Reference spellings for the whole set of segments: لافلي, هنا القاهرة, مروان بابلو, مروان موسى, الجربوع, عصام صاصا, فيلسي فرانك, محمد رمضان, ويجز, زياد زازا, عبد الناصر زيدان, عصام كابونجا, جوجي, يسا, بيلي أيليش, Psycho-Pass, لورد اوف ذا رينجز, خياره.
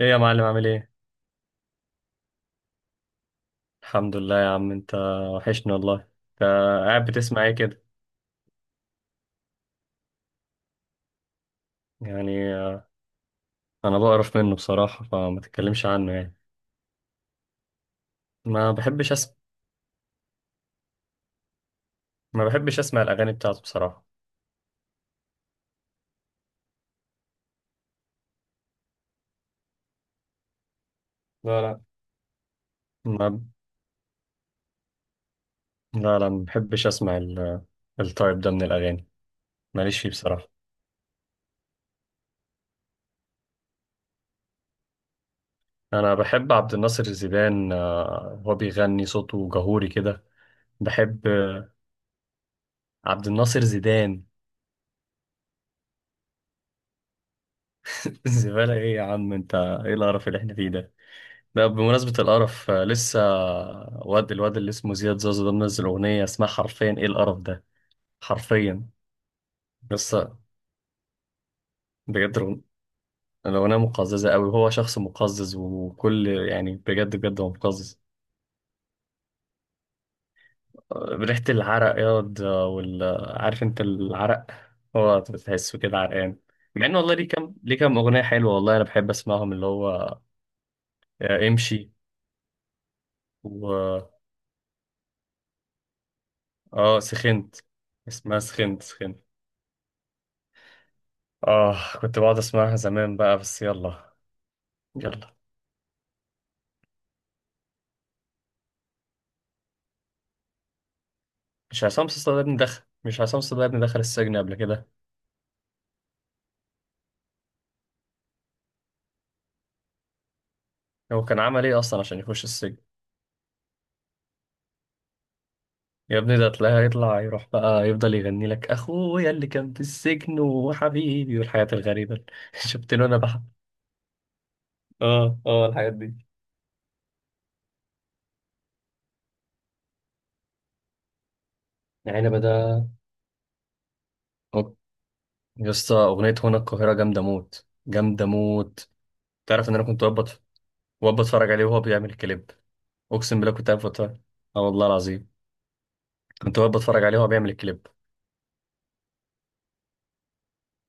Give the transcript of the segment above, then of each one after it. ايه يا معلم عامل ايه؟ الحمد لله يا عم. انت وحشني والله. انت قاعد بتسمع ايه كده؟ يعني آه، انا بقرف منه بصراحة، فما تتكلمش عنه يعني. ما بحبش اسمع. ما بحبش اسمع الاغاني بتاعته بصراحة. لا لا. ما ما بحبش اسمع التايب ده من الاغاني. ماليش فيه بصراحة. انا بحب عبد الناصر زيدان، هو بيغني صوته جهوري كده. بحب عبد الناصر زيدان. زبالة ايه يا عم انت؟ ايه القرف اللي احنا فيه ده؟ بقى بمناسبة القرف، لسه الواد اللي اسمه زياد زازا ده منزل أغنية اسمها حرفيا "إيه القرف ده". حرفيا لسه. بجد الأغن- الأغنية مقززة أوي، وهو شخص مقزز، وكل يعني بجد بجد هو مقزز. ريحة العرق ياض، آه، وال آه، عارف أنت العرق؟ هو بتحسه كده عرقان. مع إن والله ليه كام أغنية حلوة والله، أنا بحب أسمعهم اللي هو امشي و سخنت. اسمها سخنت سخنت. آه كنت بقعد أسمعها زمان بقى، بس يلا يلا. مش عصام صاصا ده ابني دخل، مش عصام صاصا ده ابني دخل السجن قبل كده؟ هو كان عمل إيه أصلا عشان يخش السجن؟ يا ابني ده تلاقيه هيطلع يروح بقى يفضل يغني لك "أخويا اللي كان في السجن" وحبيبي والحاجات الغريبة اللي شفت له أنا بقى. آه آه، الحاجات دي. العنبة ده. أوك. يا اسطى أغنية "هنا القاهرة" جامدة موت، جامدة موت. تعرف إن أنا كنت بقعد أتفرج عليه وهو بيعمل الكليب؟ أقسم بالله كنت قاعد بتفرج. آه والله العظيم، كنت بقعد بتفرج عليه وهو بيعمل الكليب.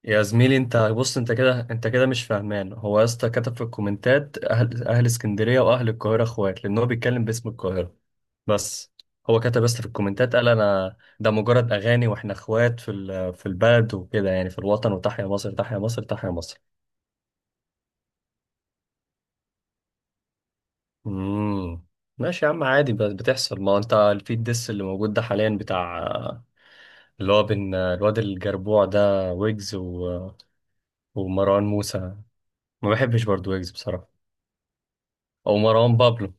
يا زميلي انت بص، انت كده انت كده مش فاهمان. هو يا اسطى كتب في الكومنتات اهل اسكندريه واهل القاهره اخوات، لان هو بيتكلم باسم القاهره بس. هو كتب بس في الكومنتات قال انا ده مجرد اغاني، واحنا اخوات في في البلد وكده، يعني في الوطن، وتحيا مصر تحيا مصر تحيا مصر. امم، ماشي يا عم عادي، بس بتحصل. ما هو انت في الدس اللي موجود ده حاليا بتاع اللي هو بين الواد الجربوع ده ويجز ومروان موسى. ما بحبش برضو ويجز بصراحه، او مروان بابلو.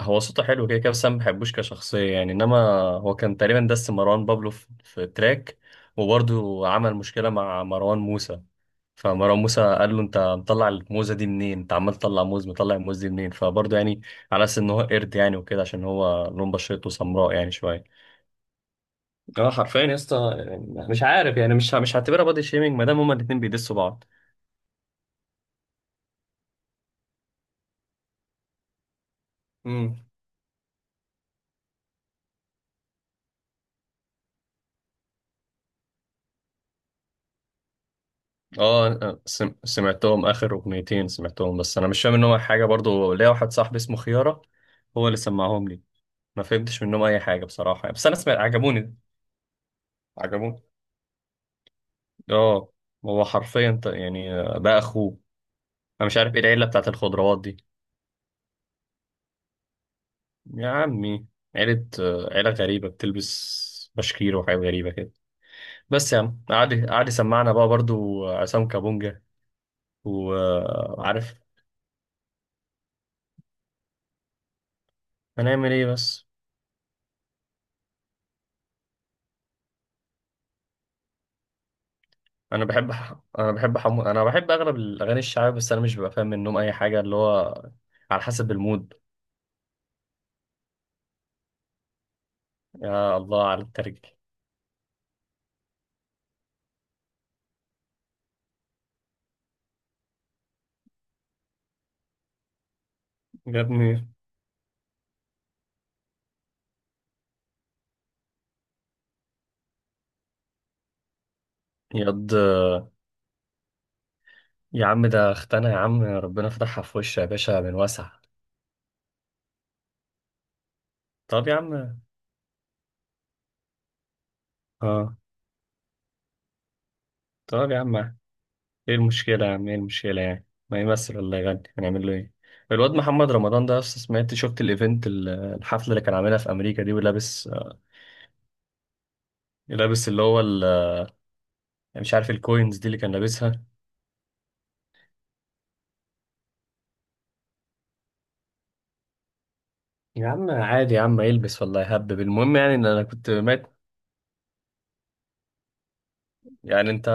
هو صوته حلو كده كده، بس انا ما بحبوش كشخصيه يعني، انما هو كان تقريبا دس مروان بابلو في في تراك، وبرضه عمل مشكله مع مروان موسى. فمروان موسى قال له انت مطلع الموزه دي منين، انت عمال تطلع موز، مطلع الموز دي منين؟ فبرضه يعني على اساس ان هو قرد يعني وكده، عشان هو لون بشرته سمراء يعني شويه. اه حرفيا يا اسطى، يعني مش عارف يعني، مش هعتبرها بادي شيمينج ما دام هما الاتنين بيدسوا بعض. سمعتهم اخر اغنيتين سمعتهم، بس انا مش فاهم منهم أي حاجه برضو. ليا واحد صاحبي اسمه خياره، هو اللي سمعهم لي. ما فهمتش منهم اي حاجه بصراحه يعني. بس انا سمعت عجبوني. عجبوني. اه، هو حرفيا ده اخوه. انا مش عارف ايه العيله بتاعت الخضروات دي. يا عمي، عيله، عيله غريبه، بتلبس بشكير وحاجات غريبه كده. بس يا عم، قعد يسمعنا بقى برضو عصام كابونجا. وعارف هنعمل ايه بس. انا بحب اغلب الاغاني الشعبيه، بس انا مش ببقى فاهم منهم اي حاجه اللي هو على حسب المود. يا الله على الترجي. يا ابني يض، يا عم ده اختنا يا عم، ربنا فتحها في وشها يا باشا من واسع. طب يا عم، اه، طب يا عم ايه المشكله؟ يا عم ايه المشكله يعني، ما يمثل ولا يغني، هنعمل له ايه؟ الواد محمد رمضان ده أصلاً سمعت شفت الايفنت الحفله اللي كان عاملها في امريكا دي ولابس؟ لابس اللي هو مش عارف الكوينز دي اللي كان لابسها. يا عم عادي يا عم، يلبس ولا يهبب، المهم يعني ان انا كنت مات. يعني انت،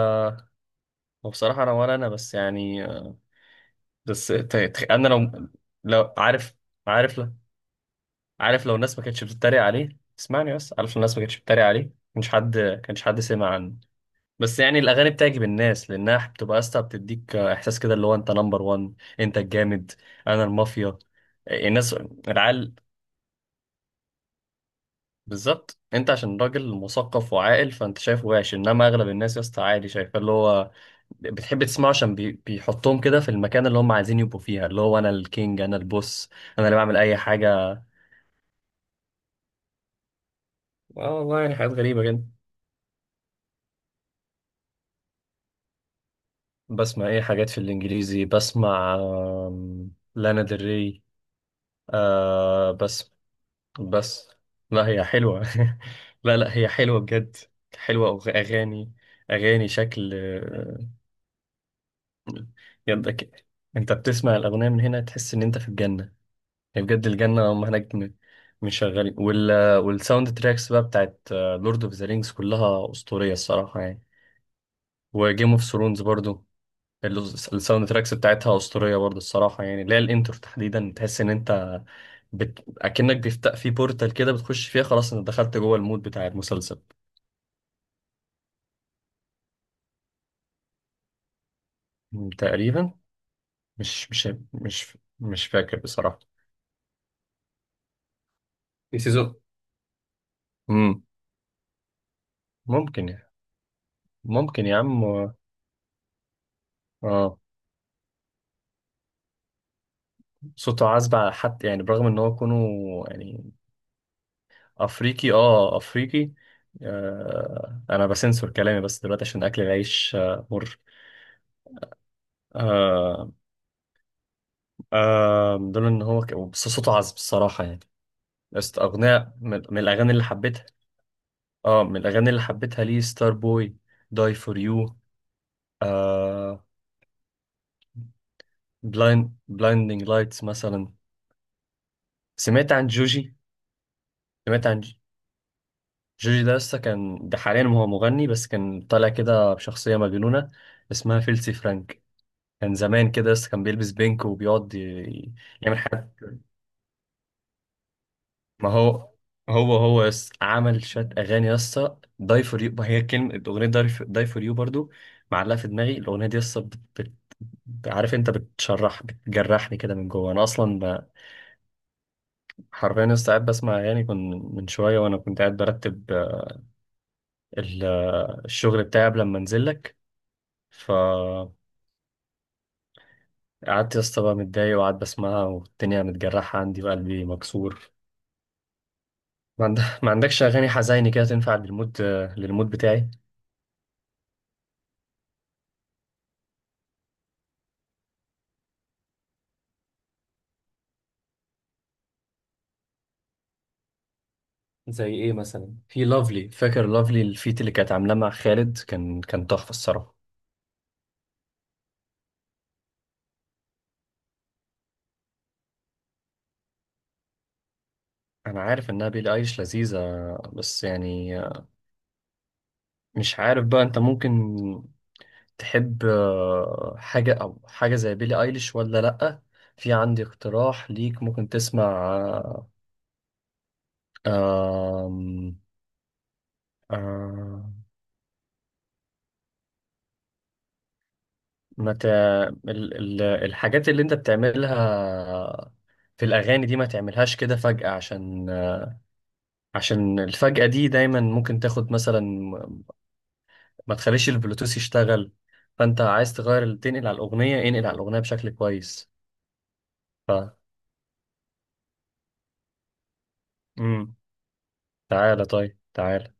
وبصراحة انا ولا انا بس يعني. انا لو، لو عارف، عارف لو، عارف لو الناس ما كانتش بتتريق عليه. اسمعني بس، عارف لو الناس ما كانتش بتتريق عليه مش حد كانش حد سمع عنه، بس يعني الاغاني بتعجب الناس لانها بتبقى اسطى بتديك احساس كده اللي هو انت نمبر وان، انت الجامد، انا المافيا. الناس، العيال، بالظبط انت عشان راجل مثقف وعاقل فانت شايفه وحش، انما اغلب الناس يا اسطى عادي شايفاه اللي هو بتحب تسمعه عشان بيحطهم كده في المكان اللي هم عايزين يبقوا فيها، اللي هو انا الكينج، انا البوس، انا اللي بعمل اي حاجه. اه والله، يعني حاجات غريبه جدا. بسمع ايه حاجات في الانجليزي؟ بسمع لانا ديل ري. آه بس، بس. لا هي حلوه. لا لا هي حلوه بجد. حلوه، اغاني، اغاني شكل. يدك، انت بتسمع الاغنيه من هنا تحس ان انت في الجنه. يعني بجد الجنه هم هناك مش شغالين. والساوند تراكس بقى بتاعت لورد اوف ذا رينجز كلها اسطوريه الصراحه يعني، وجيم اوف ثرونز برضو. ال- الساوند تراكس بتاعتها اسطوريه برضو الصراحه يعني، اللي هي الانترو تحديدا تحس ان انت اكنك بيفتح في بورتال كده، بتخش فيها خلاص، انت دخلت جوه المود بتاع المسلسل. تقريبا. مش فاكر بصراحه في سيزون. امم، ممكن يعني. ممكن يا عم. اه، صوته عذب على حد يعني برغم ان هو كونه يعني افريقي، اه افريقي. آه انا بسنسور كلامي بس دلوقتي عشان اكل العيش، آه مر. آه آه دول ان بس صوته عذب الصراحه يعني. اغنيه من الاغاني اللي حبيتها، اه من الاغاني اللي حبيتها ليه ستار بوي، داي فور يو. آه بلايند، بلايندينج لايتس مثلا. سمعت عن جوجي؟ سمعت عن جوجي؟ ده لسه كان، ده حاليا هو مغني، بس كان طالع كده بشخصية مجنونة اسمها فيلسي فرانك، كان زمان كده لسه كان بيلبس بينك وبيقعد يعمل حاجات. ما هو، هو هو يس عمل شات أغاني يسا داي فور يو، هي كلمة الأغنية داي فور، داي for يو برضو معلقة في دماغي الأغنية دي يسا عارف أنت بتشرح بتجرحني كده من جوه، أنا أصلا حرفيا لسه قاعد بسمع أغاني كنت من شوية، وأنا كنت قاعد برتب ال- الشغل بتاعي قبل ما أنزل لك. قعدت يا اسطى بقى متضايق، وقعدت بسمعها والدنيا متجرحة عندي وقلبي مكسور. ما عندكش أغاني حزيني كده تنفع للمود، للمود بتاعي؟ زي إيه مثلا؟ في لافلي، فاكر لافلي الفيت اللي كانت عاملاه مع خالد؟ كان كان تحفة الصراحة. أنا عارف إنها بيلي أيليش لذيذة، بس يعني مش عارف بقى أنت ممكن تحب حاجة أو حاجة زي بيلي أيليش ولا لأ. في عندي اقتراح ليك ممكن تسمع. آه، آم، آه، ما ت... الحاجات اللي انت بتعملها في الاغاني دي ما تعملهاش كده فجأة، عشان عشان الفجأة دي دايما ممكن تاخد مثلا. ما تخليش البلوتوث يشتغل، فانت عايز تغير تنقل على الاغنية، انقل على الاغنية بشكل كويس. ف امم، تعالى طيب تعالى.